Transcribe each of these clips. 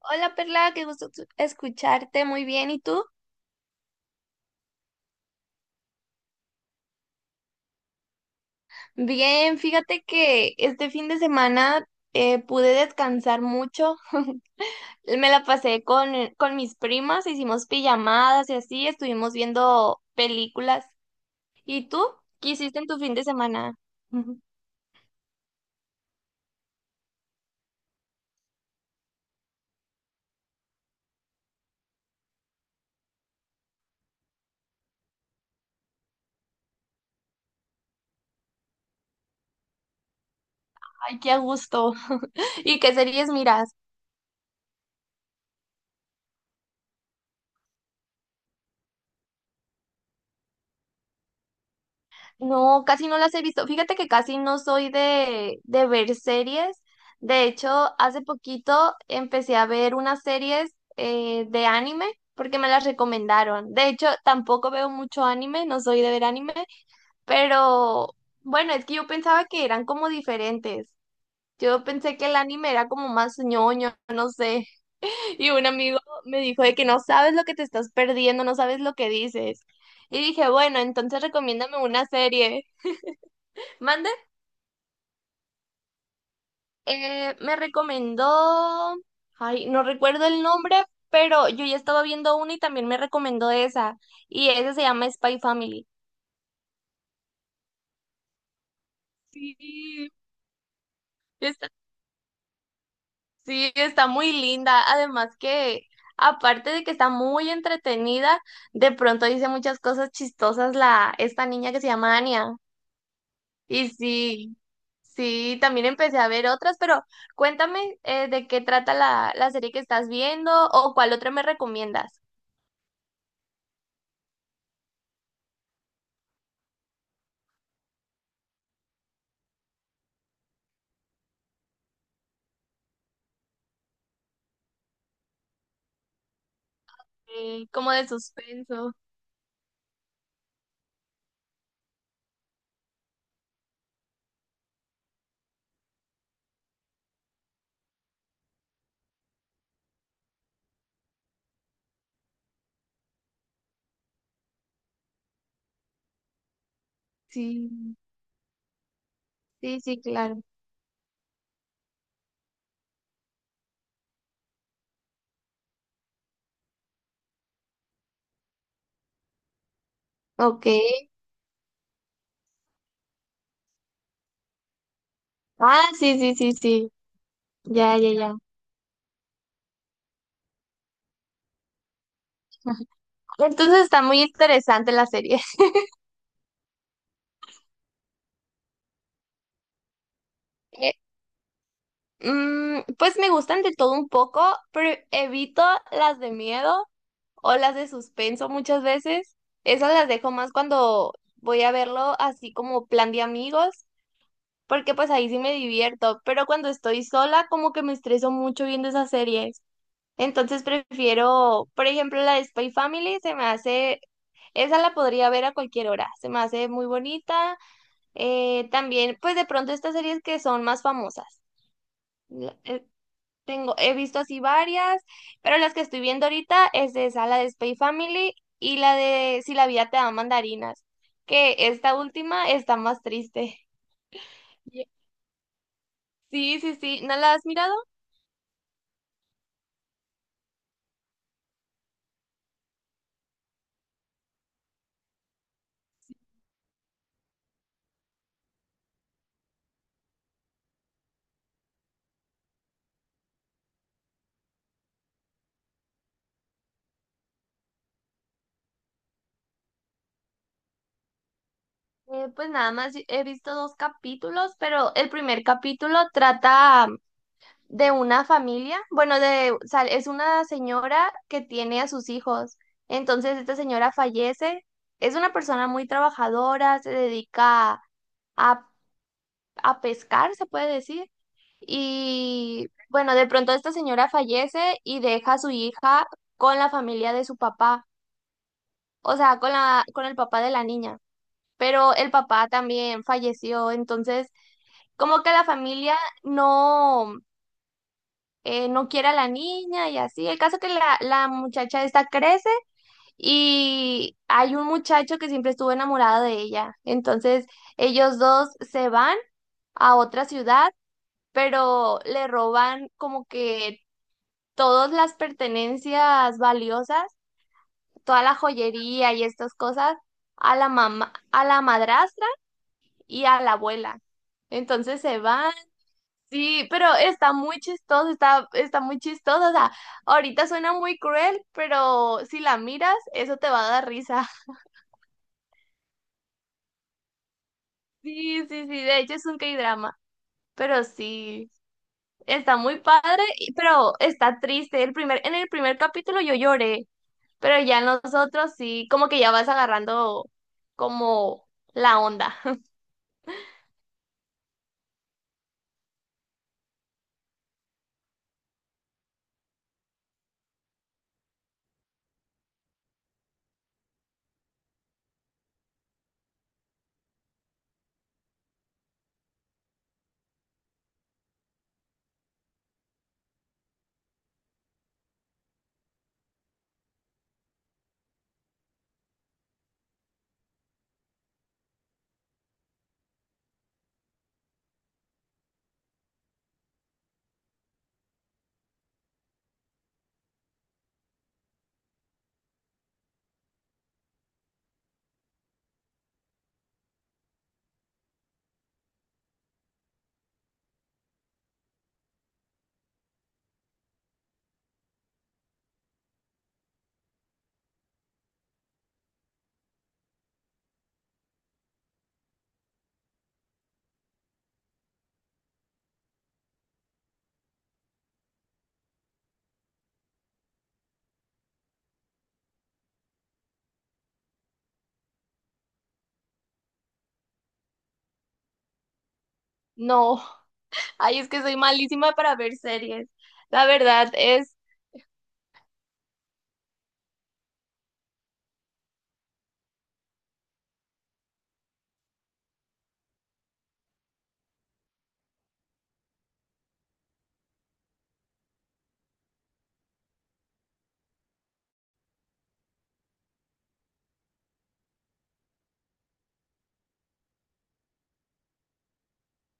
Hola Perla, qué gusto escucharte, muy bien. ¿Y tú? Bien, fíjate que este fin de semana pude descansar mucho. Me la pasé con mis primas, hicimos pijamadas y así, estuvimos viendo películas. ¿Y tú? ¿Qué hiciste en tu fin de semana? Ay, qué a gusto. ¿Y qué series miras? No, casi no las he visto. Fíjate que casi no soy de ver series. De hecho, hace poquito empecé a ver unas series de anime porque me las recomendaron. De hecho, tampoco veo mucho anime, no soy de ver anime, pero bueno, es que yo pensaba que eran como diferentes. Yo pensé que el anime era como más ñoño, no sé. Y un amigo me dijo de que no sabes lo que te estás perdiendo, no sabes lo que dices. Y dije, bueno, entonces recomiéndame una serie. Mande. Me recomendó, ay, no recuerdo el nombre, pero yo ya estaba viendo una y también me recomendó esa. Y esa se llama Spy Family. Sí, está, sí, está muy linda. Además que, aparte de que está muy entretenida, de pronto dice muchas cosas chistosas esta niña que se llama Anya. Y sí, sí, también empecé a ver otras, pero cuéntame de qué trata la serie que estás viendo o cuál otra me recomiendas. Como de suspenso. Sí, sí, sí, claro. Ok. Ah, sí, sí, sí, sí. Ya, ya, ya. Entonces está muy interesante la serie. Eh, pues me gustan de todo un poco, pero evito las de miedo o las de suspenso muchas veces. Esas las dejo más cuando voy a verlo así como plan de amigos, porque pues ahí sí me divierto, pero cuando estoy sola como que me estreso mucho viendo esas series. Entonces prefiero, por ejemplo, la de Spy Family, esa la podría ver a cualquier hora, se me hace muy bonita. También, pues de pronto estas series que son más famosas. la- eh, Tengo, he visto así varias, pero las que estoy viendo ahorita es esa, la de Spy Family y la de Si la vida te da mandarinas, que esta última está más triste. Ye- Sí, sí, sí, ¿no la has mirado? Pues nada más he visto dos capítulos, pero el primer capítulo trata de una familia, bueno, de, o sea, es una señora que tiene a sus hijos. Entonces, esta señora fallece. Es una persona muy trabajadora, se dedica a, a pescar, se puede decir. Y bueno, de pronto esta señora fallece y deja a su hija con la familia de su papá, o sea, con el papá de la niña. Pero el papá también falleció, entonces como que la familia no, no quiere a la niña y así. El caso que la muchacha esta crece y hay un muchacho que siempre estuvo enamorado de ella. Entonces ellos dos se van a otra ciudad, pero le roban como que todas las pertenencias valiosas, toda la joyería y estas cosas a la mamá, a la madrastra y a la abuela. Entonces se van. Sí, pero está muy chistoso, está muy chistoso. O sea, ahorita suena muy cruel, pero si la miras, eso te va a dar risa. Sí, sí, sí, de hecho es un K-drama, pero sí, está muy padre, pero está triste. En el primer capítulo yo lloré, pero ya en los otros sí, como que ya vas agarrando como la onda. No, ay, es que soy malísima para ver series. La verdad,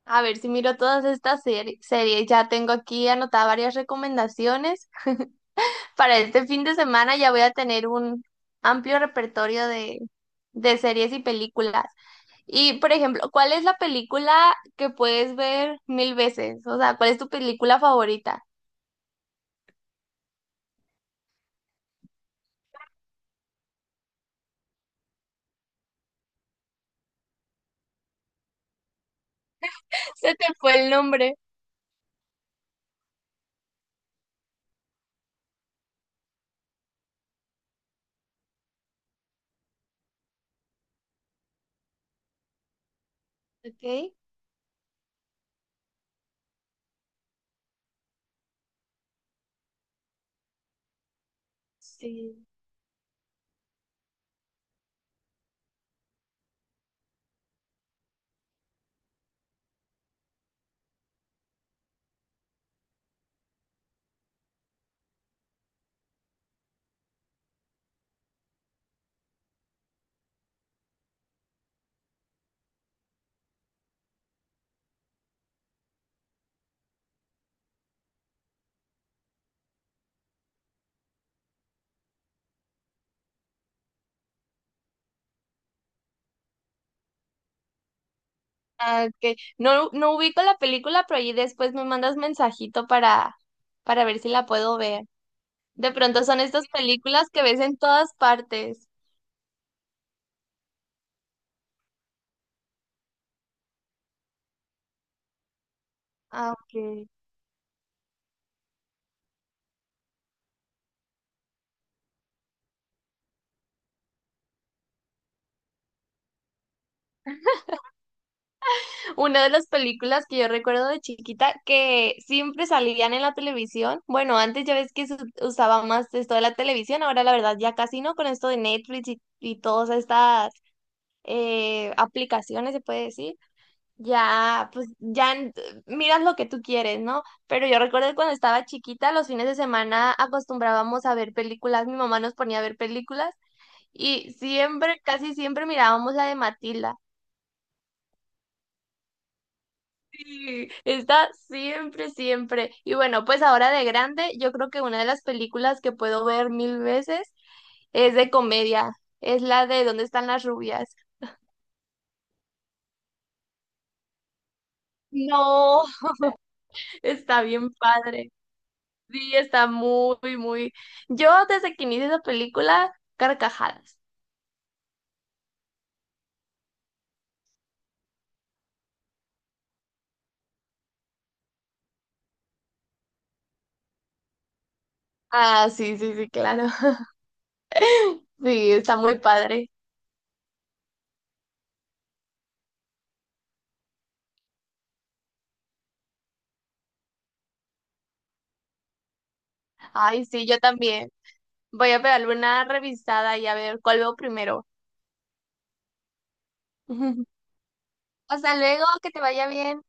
a ver si miro todas estas series. Ya tengo aquí anotadas varias recomendaciones. Para este fin de semana ya voy a tener un amplio repertorio de series y películas. Y, por ejemplo, ¿cuál es la película que puedes ver mil veces? O sea, ¿cuál es tu película favorita? Se te fue el nombre. Ok, sí. Ah, ok. No, no ubico la película, pero ahí después me mandas mensajito para ver si la puedo ver. De pronto son estas películas que ves en todas partes. Ah, ok. Una de las películas que yo recuerdo de chiquita que siempre salían en la televisión. Bueno, antes ya ves que se usaba más esto de la televisión, ahora la verdad ya casi no con esto de Netflix y todas estas aplicaciones, se puede decir. Ya, pues ya miras lo que tú quieres, ¿no? Pero yo recuerdo que cuando estaba chiquita, los fines de semana acostumbrábamos a ver películas, mi mamá nos ponía a ver películas. Y siempre, casi siempre mirábamos la de Matilda. Sí, está siempre, siempre. Y bueno, pues ahora de grande, yo creo que una de las películas que puedo ver mil veces es de comedia. Es la de ¿Dónde están las rubias? No, está bien padre. Sí, está muy, muy. Yo desde que inicié esa película, carcajadas. Ah, sí, sí, sí, claro. Sí, está muy padre. Ay, sí, yo también. Voy a pegarle una revisada y a ver cuál veo primero. Ujú. Hasta luego, que te vaya bien.